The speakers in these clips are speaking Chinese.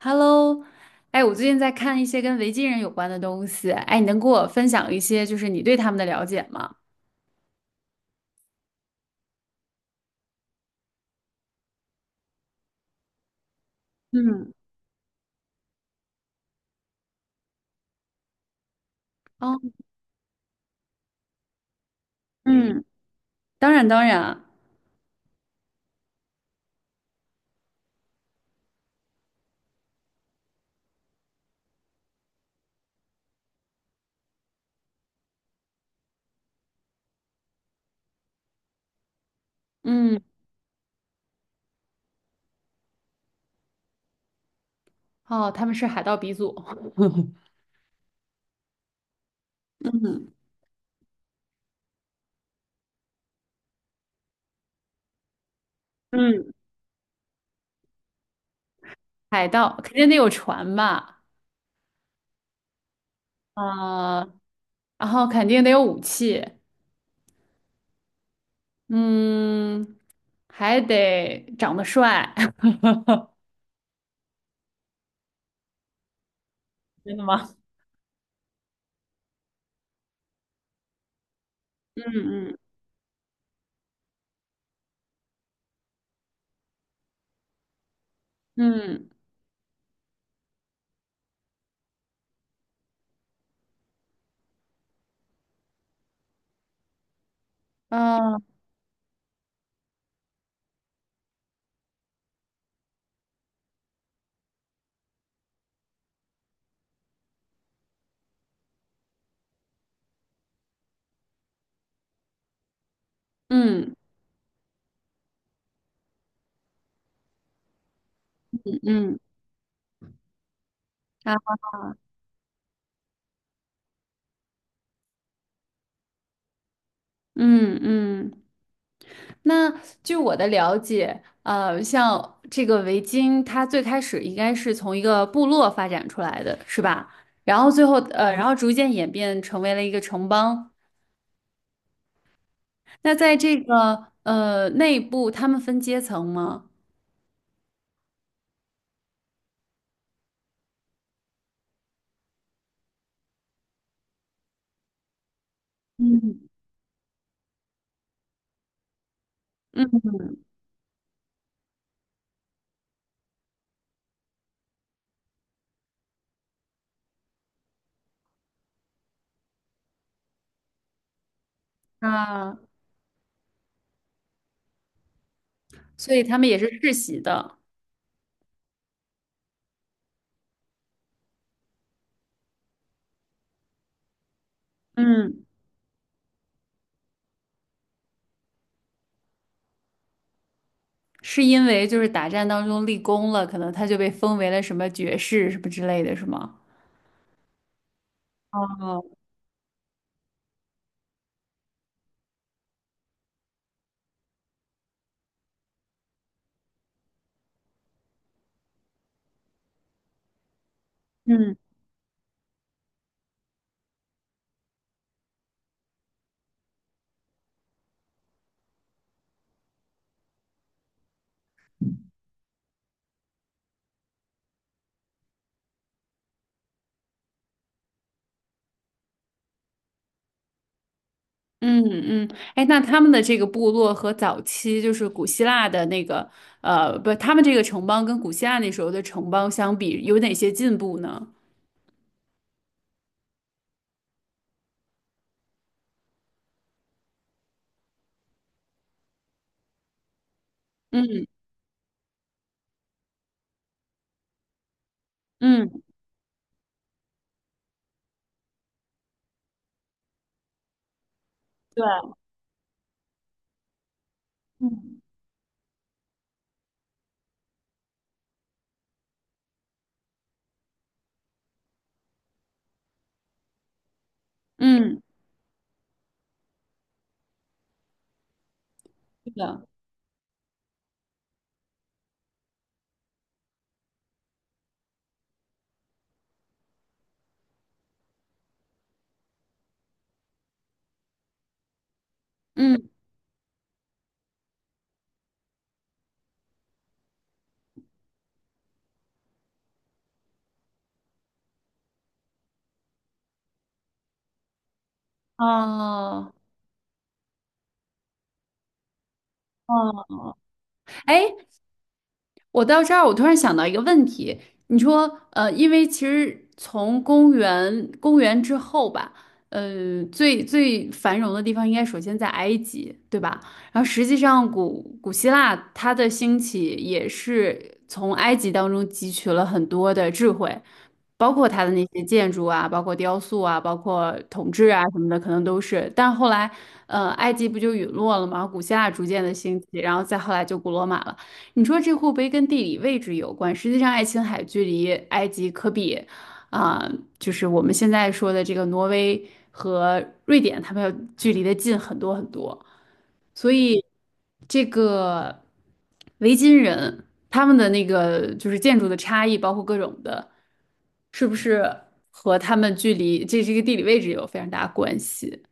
Hello，哎，我最近在看一些跟维京人有关的东西，哎，你能给我分享一些就是你对他们的了解吗？嗯。哦。嗯，当然当然。嗯。哦，他们是海盗鼻祖，嗯。嗯，海盗肯定得有船吧。啊、然后肯定得有武器。嗯，还得长得帅。真的吗？嗯嗯嗯嗯。嗯嗯嗯。啊。嗯嗯。那据我的了解，像这个围巾，它最开始应该是从一个部落发展出来的，是吧？然后最后，逐渐演变成为了一个城邦。那在这个内部，他们分阶层吗？嗯。嗯。啊，所以他们也是世袭的。嗯，是因为就是打战当中立功了，可能他就被封为了什么爵士什么之类的，是吗？哦。嗯。嗯嗯。哎，那他们的这个部落和早期就是古希腊的那个，不，他们这个城邦跟古希腊那时候的城邦相比，有哪些进步呢？嗯嗯。对。嗯嗯。是的。嗯。哦哦。哎，我到这儿，我突然想到一个问题。你说，因为其实从公元之后吧，最最繁荣的地方应该首先在埃及，对吧？然后实际上古希腊它的兴起也是从埃及当中汲取了很多的智慧，包括它的那些建筑啊，包括雕塑啊，包括统治啊什么的，可能都是。但后来，埃及不就陨落了吗？古希腊逐渐的兴起，然后再后来就古罗马了。你说这会不会跟地理位置有关，实际上爱琴海距离埃及可比，啊、就是我们现在说的这个挪威和瑞典，它们要距离的近很多很多。所以这个维京人他们的那个就是建筑的差异，包括各种的，是不是和他们距离这个地理位置有非常大的关系？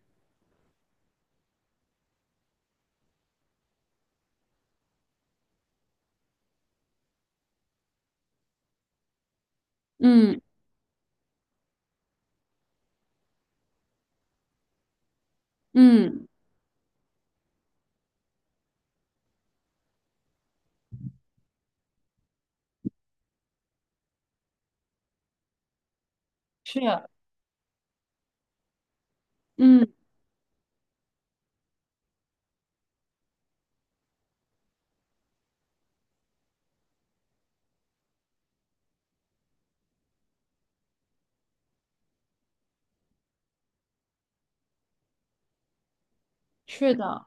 嗯嗯。是。嗯。是的。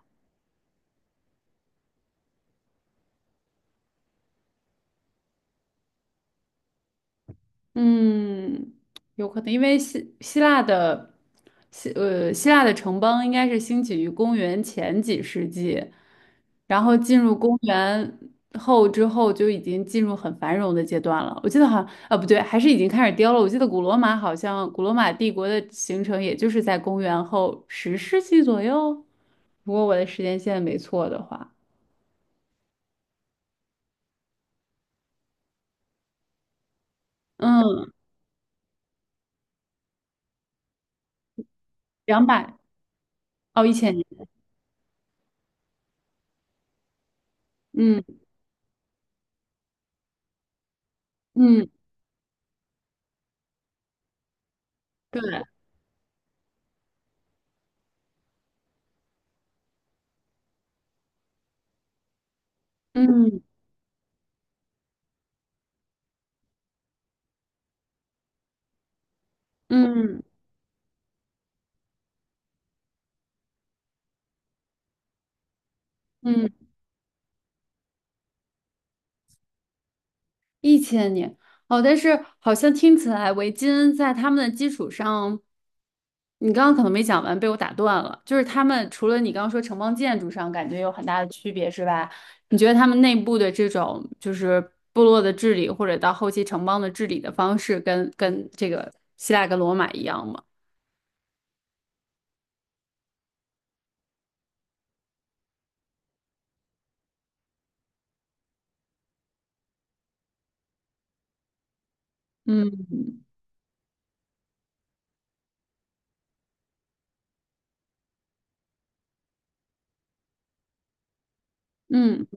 嗯，有可能，因为希腊的城邦应该是兴起于公元前几世纪，然后进入公元后之后就已经进入很繁荣的阶段了。我记得好像啊不对，还是已经开始凋了。我记得古罗马好像古罗马帝国的形成也就是在公元后十世纪左右，如果我的时间线没错的话。嗯，两百哦一千年。嗯嗯。对。嗯嗯嗯。嗯一千年。哦，但是好像听起来维京在他们的基础上，你刚刚可能没讲完，被我打断了。就是他们除了你刚刚说城邦建筑上感觉有很大的区别，是吧？你觉得他们内部的这种就是部落的治理，或者到后期城邦的治理的方式跟这个希腊跟罗马一样吗？嗯嗯。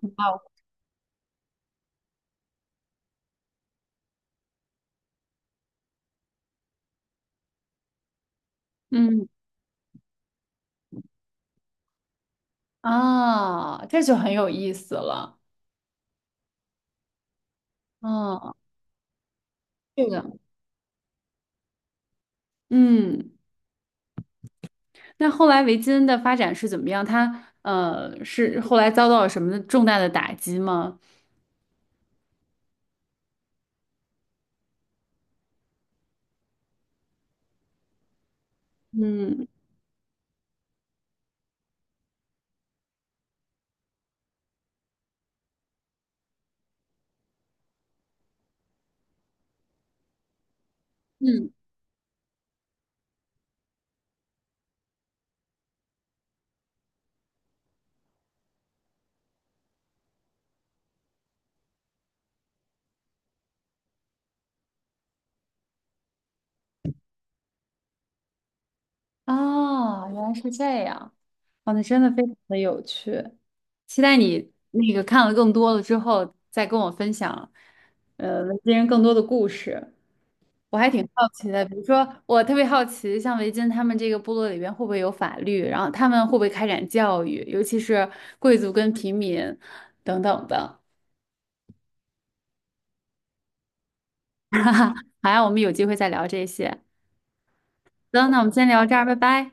哦。嗯。啊，这就很有意思了。哦。这个，嗯。那后来维金的发展是怎么样？是后来遭到了什么重大的打击吗？嗯。嗯。啊，原来是这样。哦，那真的非常的有趣，期待你那个看了更多了之后再跟我分享，维京人更多的故事。我还挺好奇的，比如说我特别好奇，像维京他们这个部落里边会不会有法律，然后他们会不会开展教育，尤其是贵族跟平民等等的。好呀，我们有机会再聊这些。行，那我们先聊这儿，拜拜。